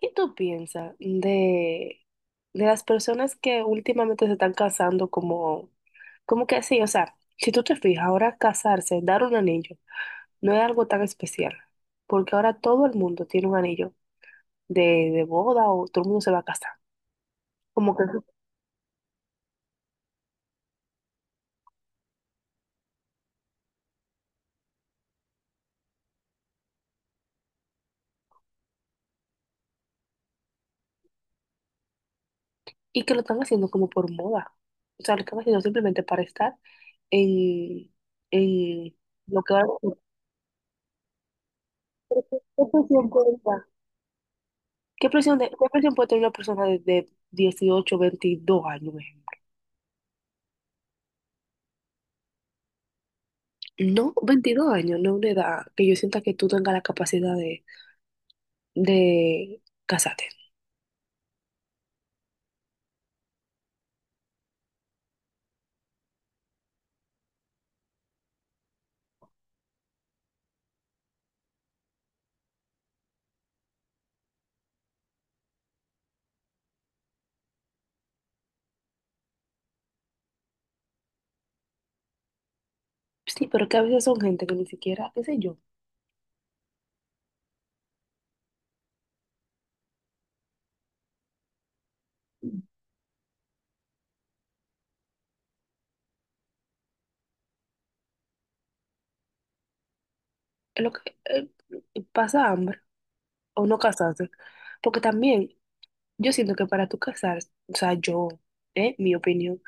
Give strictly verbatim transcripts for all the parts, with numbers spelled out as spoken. ¿Qué tú piensas de, de las personas que últimamente se están casando como, como que sí? O sea, si tú te fijas, ahora casarse, dar un anillo, no es algo tan especial, porque ahora todo el mundo tiene un anillo de, de boda o todo el mundo se va a casar. Como que, y que lo están haciendo como por moda. O sea, lo están haciendo simplemente para estar en, en lo que ahora... ¿Qué presión puede dar? ¿Qué presión de- qué presión puede tener una persona de, de dieciocho, veintidós años, por ejemplo? No, veintidós años no es una edad que yo sienta que tú tengas la capacidad de, de casarte. Sí, pero que a veces son gente que ni siquiera, qué sé yo, es lo que eh, pasa hambre o no casarse. Porque también yo siento que para tú casarse, o sea, yo, eh, mi opinión,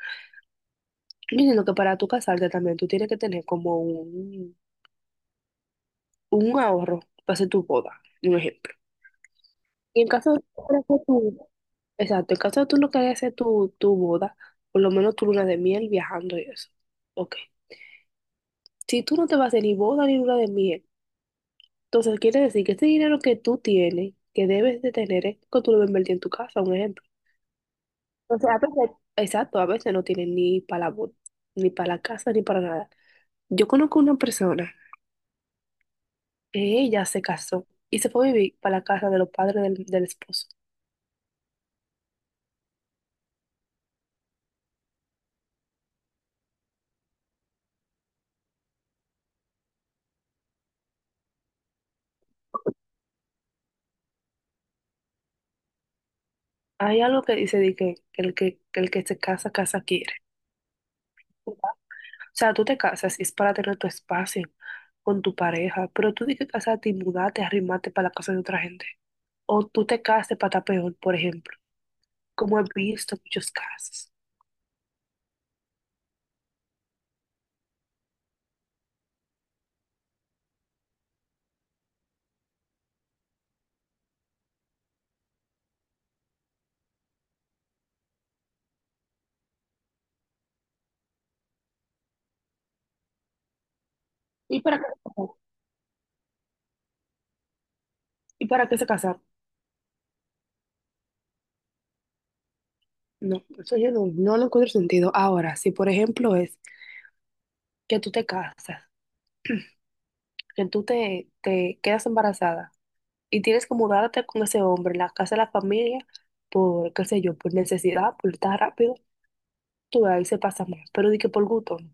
yo siento que para tú casarte también tú tienes que tener como un, un ahorro para hacer tu boda, un ejemplo. Y en caso de... Exacto, en caso de tú no querías hacer tu, tu boda, por lo menos tu luna de miel viajando y eso. Ok. Si tú no te vas a hacer ni boda ni luna de miel, entonces quiere decir que ese dinero que tú tienes, que debes de tener, es que tú lo invertir en tu casa, un ejemplo. Entonces, a veces, exacto, a veces no tienen ni para la boda, ni para la casa, ni para nada. Yo conozco una persona que ella se casó y se fue a vivir para la casa de los padres del, del esposo. Hay algo que dice de que, que el que, que el que se casa, casa quiere. O sea, tú te casas y es para tener tu espacio con tu pareja, pero tú di que casarte y mudarte, arrimarte para la casa de otra gente. O tú te casaste para estar peor, por ejemplo, como he visto muchos casos. ¿Y para qué se casaron? ¿Y para qué se casaron? No, eso yo no, no lo encuentro sentido. Ahora, si por ejemplo es que tú te casas, que tú te, te quedas embarazada y tienes que mudarte con ese hombre en la casa de la familia por, qué sé yo, por necesidad, por estar rápido, tú ahí se pasa más, pero di que por gusto, no.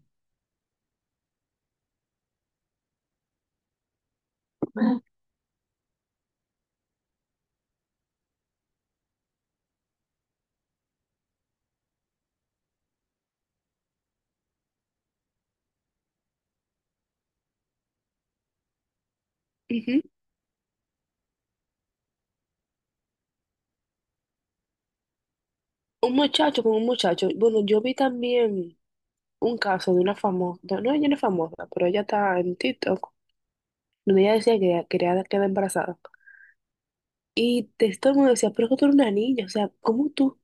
Ujú. Un muchacho con un muchacho. Bueno, yo vi también un caso de una famosa, no, ella no es famosa, pero ella está en TikTok, donde ella decía que ella quería quedar embarazada. Y te- todo el mundo decía, pero es que tú eres una niña, o sea, ¿cómo tú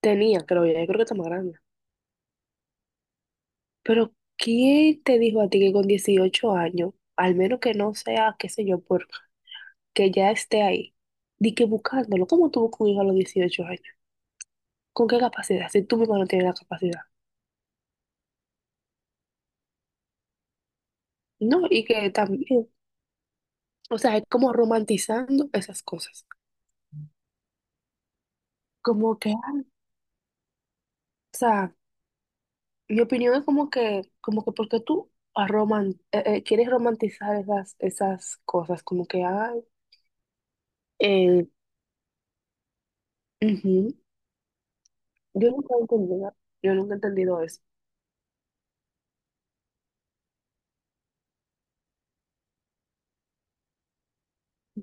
tenías, creo yo? Yo creo que está más grande. Pero ¿quién te dijo a ti que con dieciocho años, al menos que no sea, qué sé yo, porque ya esté ahí, di que buscándolo? ¿Cómo tú buscas un hijo a los dieciocho años? ¿Con qué capacidad? Si tú mismo no tienes la capacidad. No, y que también... O sea, es como romantizando esas cosas. Como que, o sea, mi opinión es como que, como que porque tú roman- eh, eh, quieres romantizar esas, esas cosas, como que, ay, eh, ujú. Yo nunca he entendido, yo nunca he entendido eso.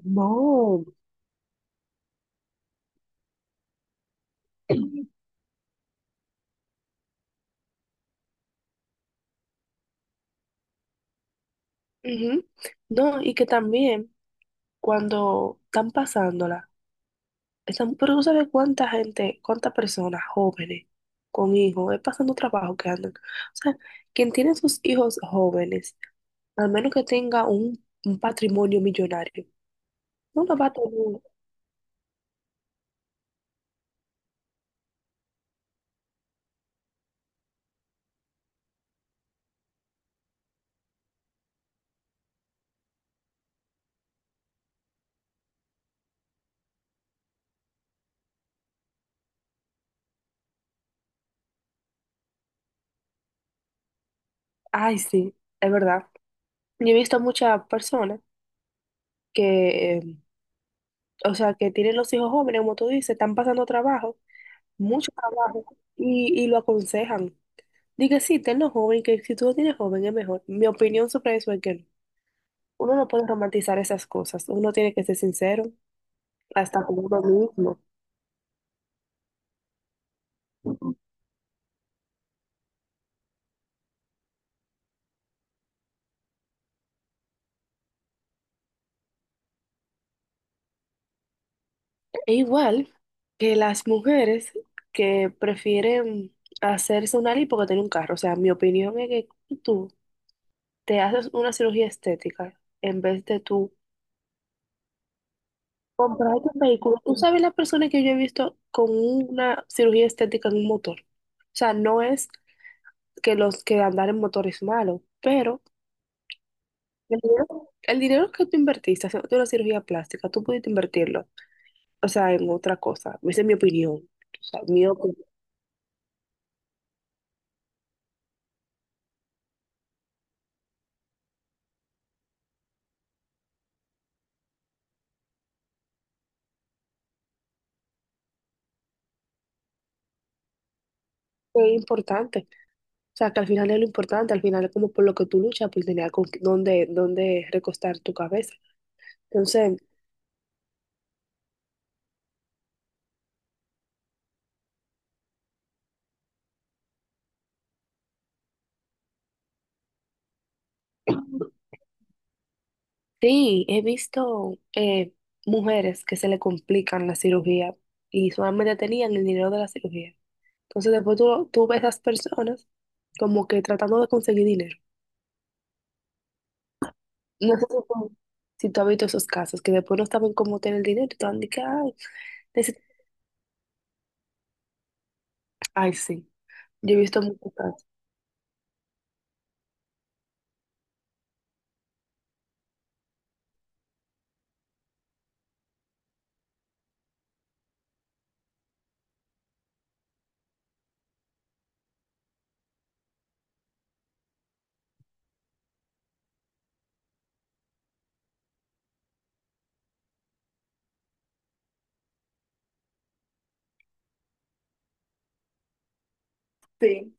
No, ujú. No, y que también cuando están pasándola. Están, pero tú sabes cuánta gente, cuántas personas jóvenes con hijos, es pasando trabajo que andan. O sea, quien tiene sus hijos jóvenes, al menos que tenga un, un patrimonio millonario, no lo va a tener. Ay, sí, es verdad. Yo he visto muchas personas que, eh, o sea, que tienen los hijos jóvenes, como tú dices, están pasando trabajo, mucho trabajo, y, y lo aconsejan. Diga sí, tenlo joven, que si tú lo tienes joven es mejor. Mi opinión sobre eso es que no. Uno no puede romantizar esas cosas, uno tiene que ser sincero hasta con uno mismo. E igual que las mujeres que prefieren hacerse una lipo que tener un carro. O sea, mi opinión es que tú te haces una cirugía estética en vez de tú comprar un vehículo. Tú sabes las personas que yo he visto con una cirugía estética en un motor. O sea, no es que los que andar en motor es malo, pero el dinero, el dinero que tú invertiste haciendo una cirugía plástica, tú pudiste invertirlo, o sea, en otra cosa. Esa es mi opinión. O sea, mi opinión es importante. O sea, que al final es lo importante, al final es como por lo que tú luchas, por tener con dónde, dónde recostar tu cabeza. Entonces, sí, he visto eh, mujeres que se le complican la cirugía y solamente tenían el dinero de la cirugía. Entonces, después tú, tú ves a esas personas como que tratando de conseguir dinero. No sé si tú, si tú has visto esos casos, que después no saben cómo tener el dinero y te van a decir, ay, necesito... Ay, sí. Yo he visto muchos casos. Sí,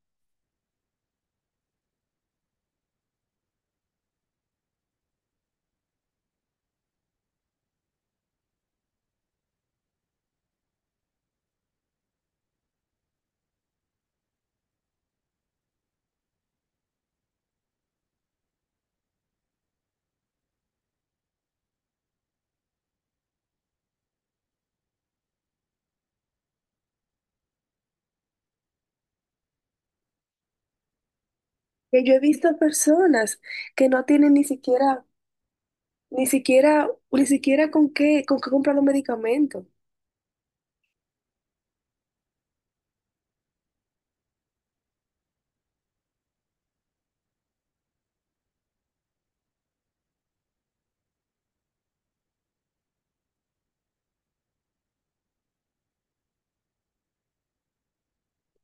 que yo he visto personas que no tienen ni siquiera, ni siquiera, ni siquiera con qué, con qué comprar los medicamentos.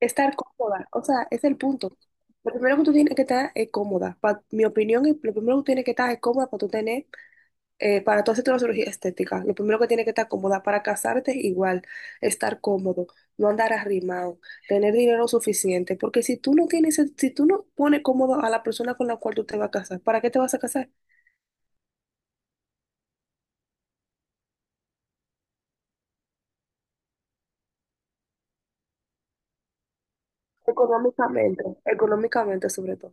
Estar cómoda, o sea, es el punto. Lo primero que tú tienes que estar es cómoda. Pa- mi opinión es, lo primero que tú tienes que estar es cómoda para tú tener, eh, para tú hacerte una cirugía estética. Lo primero que tienes que estar cómoda para casarte, igual, estar cómodo, no andar arrimado, tener dinero suficiente. Porque si tú no tienes, si tú no pones cómodo a la persona con la cual tú te vas a casar, ¿para qué te vas a casar? Económicamente, económicamente sobre todo.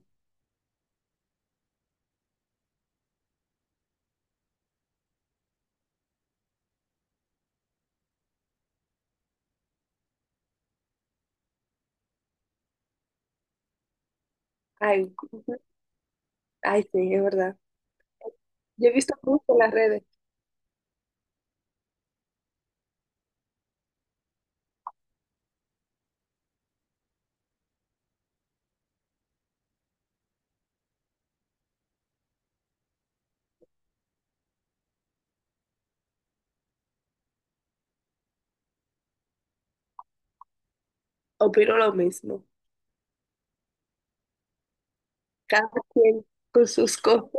Ay, ujú. Ay, sí, es verdad. Yo he visto mucho en las redes, opino lo mismo. Cada quien con sus cosas.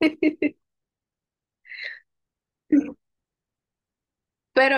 Pero